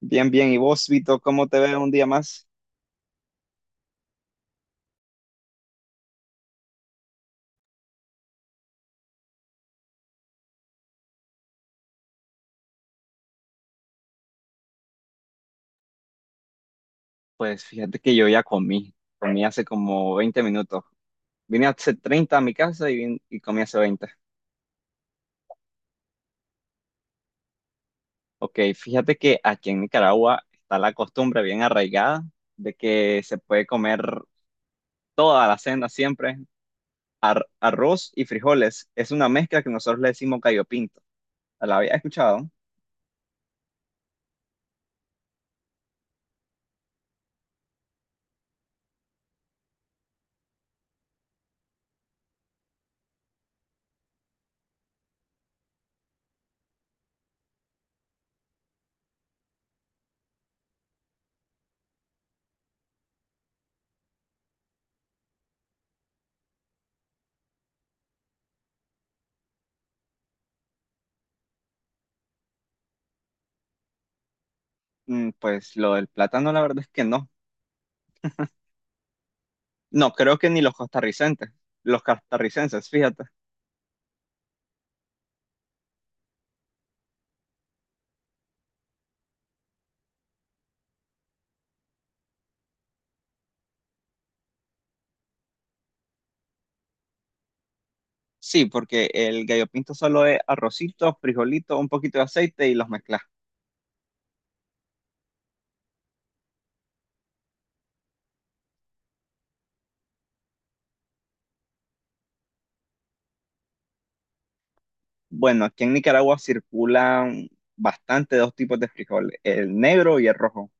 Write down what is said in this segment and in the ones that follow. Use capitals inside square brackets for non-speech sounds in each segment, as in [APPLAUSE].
Bien, bien. ¿Y vos, Vito, cómo te ves un día más? Pues fíjate que yo ya comí hace como 20 minutos. Vine hace 30 a mi casa y comí hace 20. Ok, fíjate que aquí en Nicaragua está la costumbre bien arraigada de que se puede comer toda la cena siempre, arroz y frijoles. Es una mezcla que nosotros le decimos gallo pinto. ¿La había escuchado? Mm, pues lo del plátano la verdad es que no. No, creo que ni los costarricenses, fíjate. Sí, porque el gallo pinto solo es arrocito, frijolito, un poquito de aceite y los mezclas. Bueno, aquí en Nicaragua circulan bastante dos tipos de frijol, el negro y el rojo.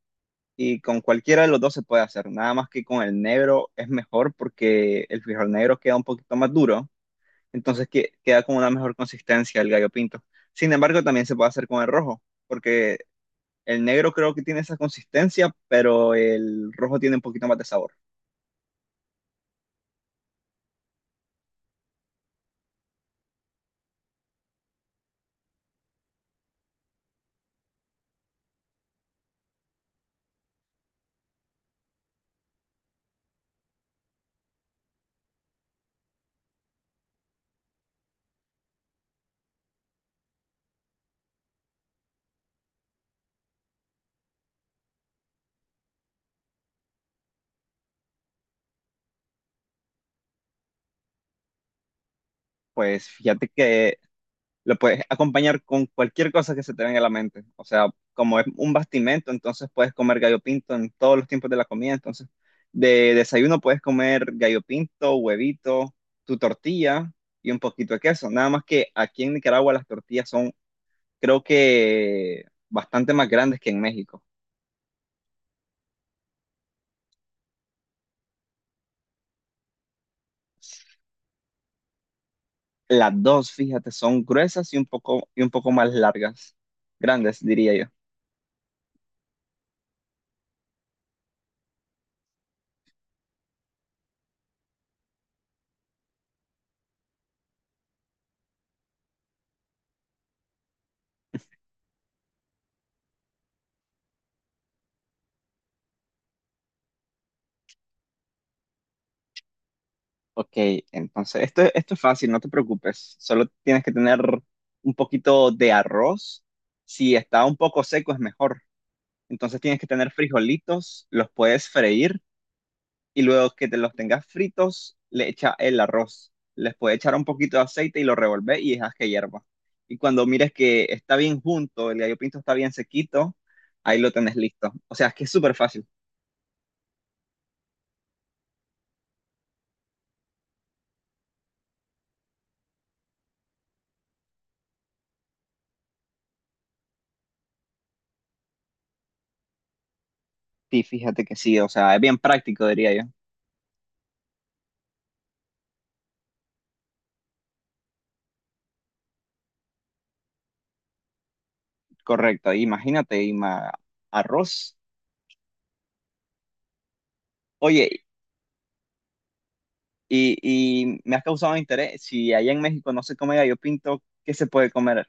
Y con cualquiera de los dos se puede hacer, nada más que con el negro es mejor porque el frijol negro queda un poquito más duro, entonces queda con una mejor consistencia el gallo pinto. Sin embargo, también se puede hacer con el rojo, porque el negro creo que tiene esa consistencia, pero el rojo tiene un poquito más de sabor. Pues fíjate que lo puedes acompañar con cualquier cosa que se te venga a la mente. O sea, como es un bastimento, entonces puedes comer gallo pinto en todos los tiempos de la comida. Entonces, de desayuno puedes comer gallo pinto, huevito, tu tortilla y un poquito de queso. Nada más que aquí en Nicaragua las tortillas son, creo que, bastante más grandes que en México. Las dos, fíjate, son gruesas y un poco más largas. Grandes, diría yo. Ok, entonces esto es fácil, no te preocupes. Solo tienes que tener un poquito de arroz. Si está un poco seco es mejor. Entonces tienes que tener frijolitos, los puedes freír y luego que te los tengas fritos, le echa el arroz. Les puedes echar un poquito de aceite y lo revolver y dejas que hierva. Y cuando mires que está bien junto, el gallo pinto está bien sequito, ahí lo tenés listo. O sea, es que es súper fácil. Sí, fíjate que sí, o sea, es bien práctico, diría yo. Correcto, imagínate, arroz. Oye, y, y me has causado interés, si allá en México no se come gallo pinto, ¿qué se puede comer?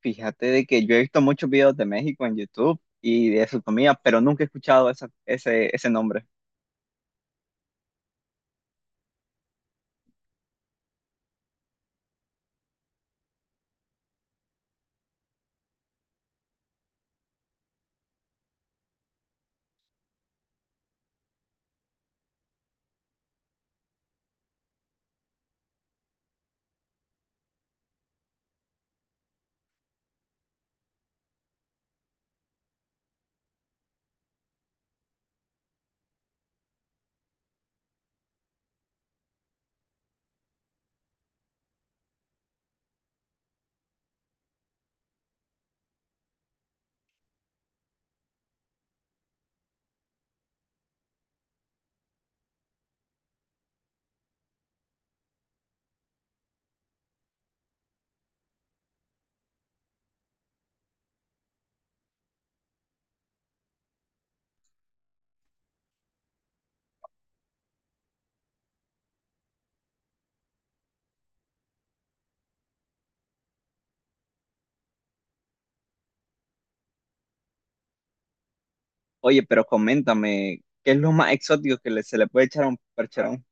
Fíjate de que yo he visto muchos videos de México en YouTube y de su comida, pero nunca he escuchado ese nombre. Oye, pero coméntame, ¿qué es lo más exótico que se le puede echar a un percherón?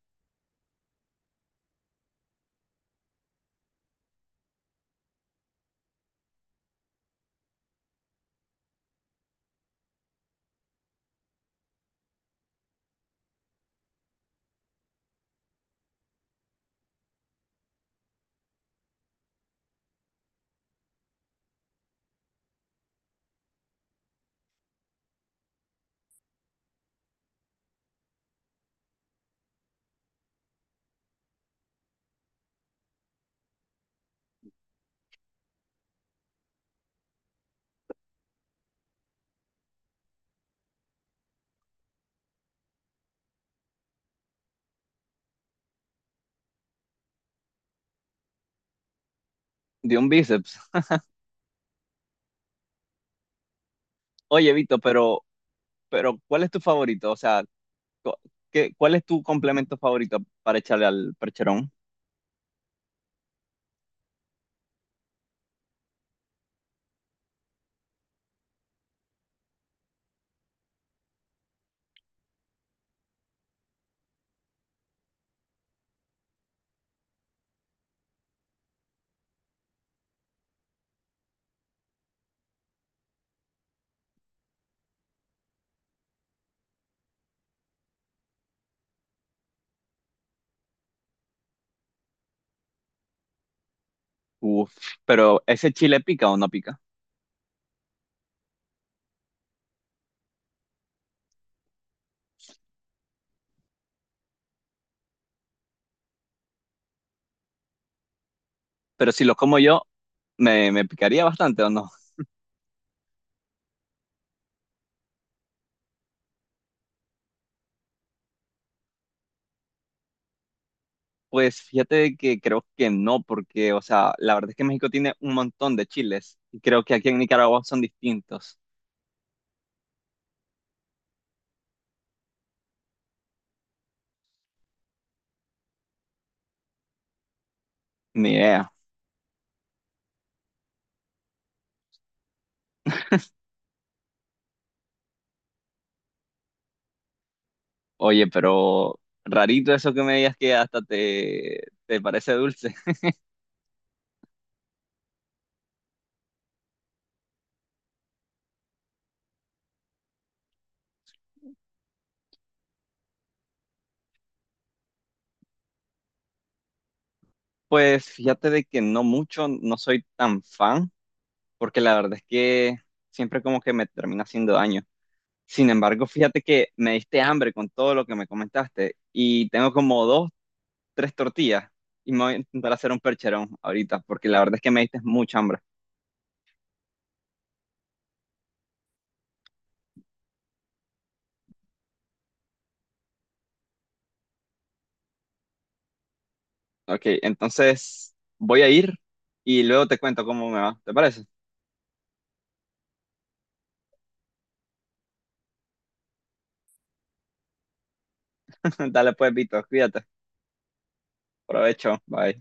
De un bíceps. Oye, Vito, pero ¿cuál es tu favorito? O sea, co- cuál es tu complemento favorito para echarle al percherón? Uf, pero ¿ese chile pica o no pica? Pero si lo como yo, ¿me picaría bastante o no? Pues fíjate que creo que no, porque, o sea, la verdad es que México tiene un montón de chiles y creo que aquí en Nicaragua son distintos. Ni idea. Oye, pero rarito eso que me digas que hasta te parece dulce. [LAUGHS] Pues fíjate de que no mucho, no soy tan fan, porque la verdad es que siempre como que me termina haciendo daño. Sin embargo, fíjate que me diste hambre con todo lo que me comentaste y tengo como dos, tres tortillas y me voy a intentar hacer un percherón ahorita porque la verdad es que me diste mucha hambre. Ok, entonces voy a ir y luego te cuento cómo me va. ¿Te parece? [LAUGHS] Dale pues, Vito, cuídate. Provecho, bye.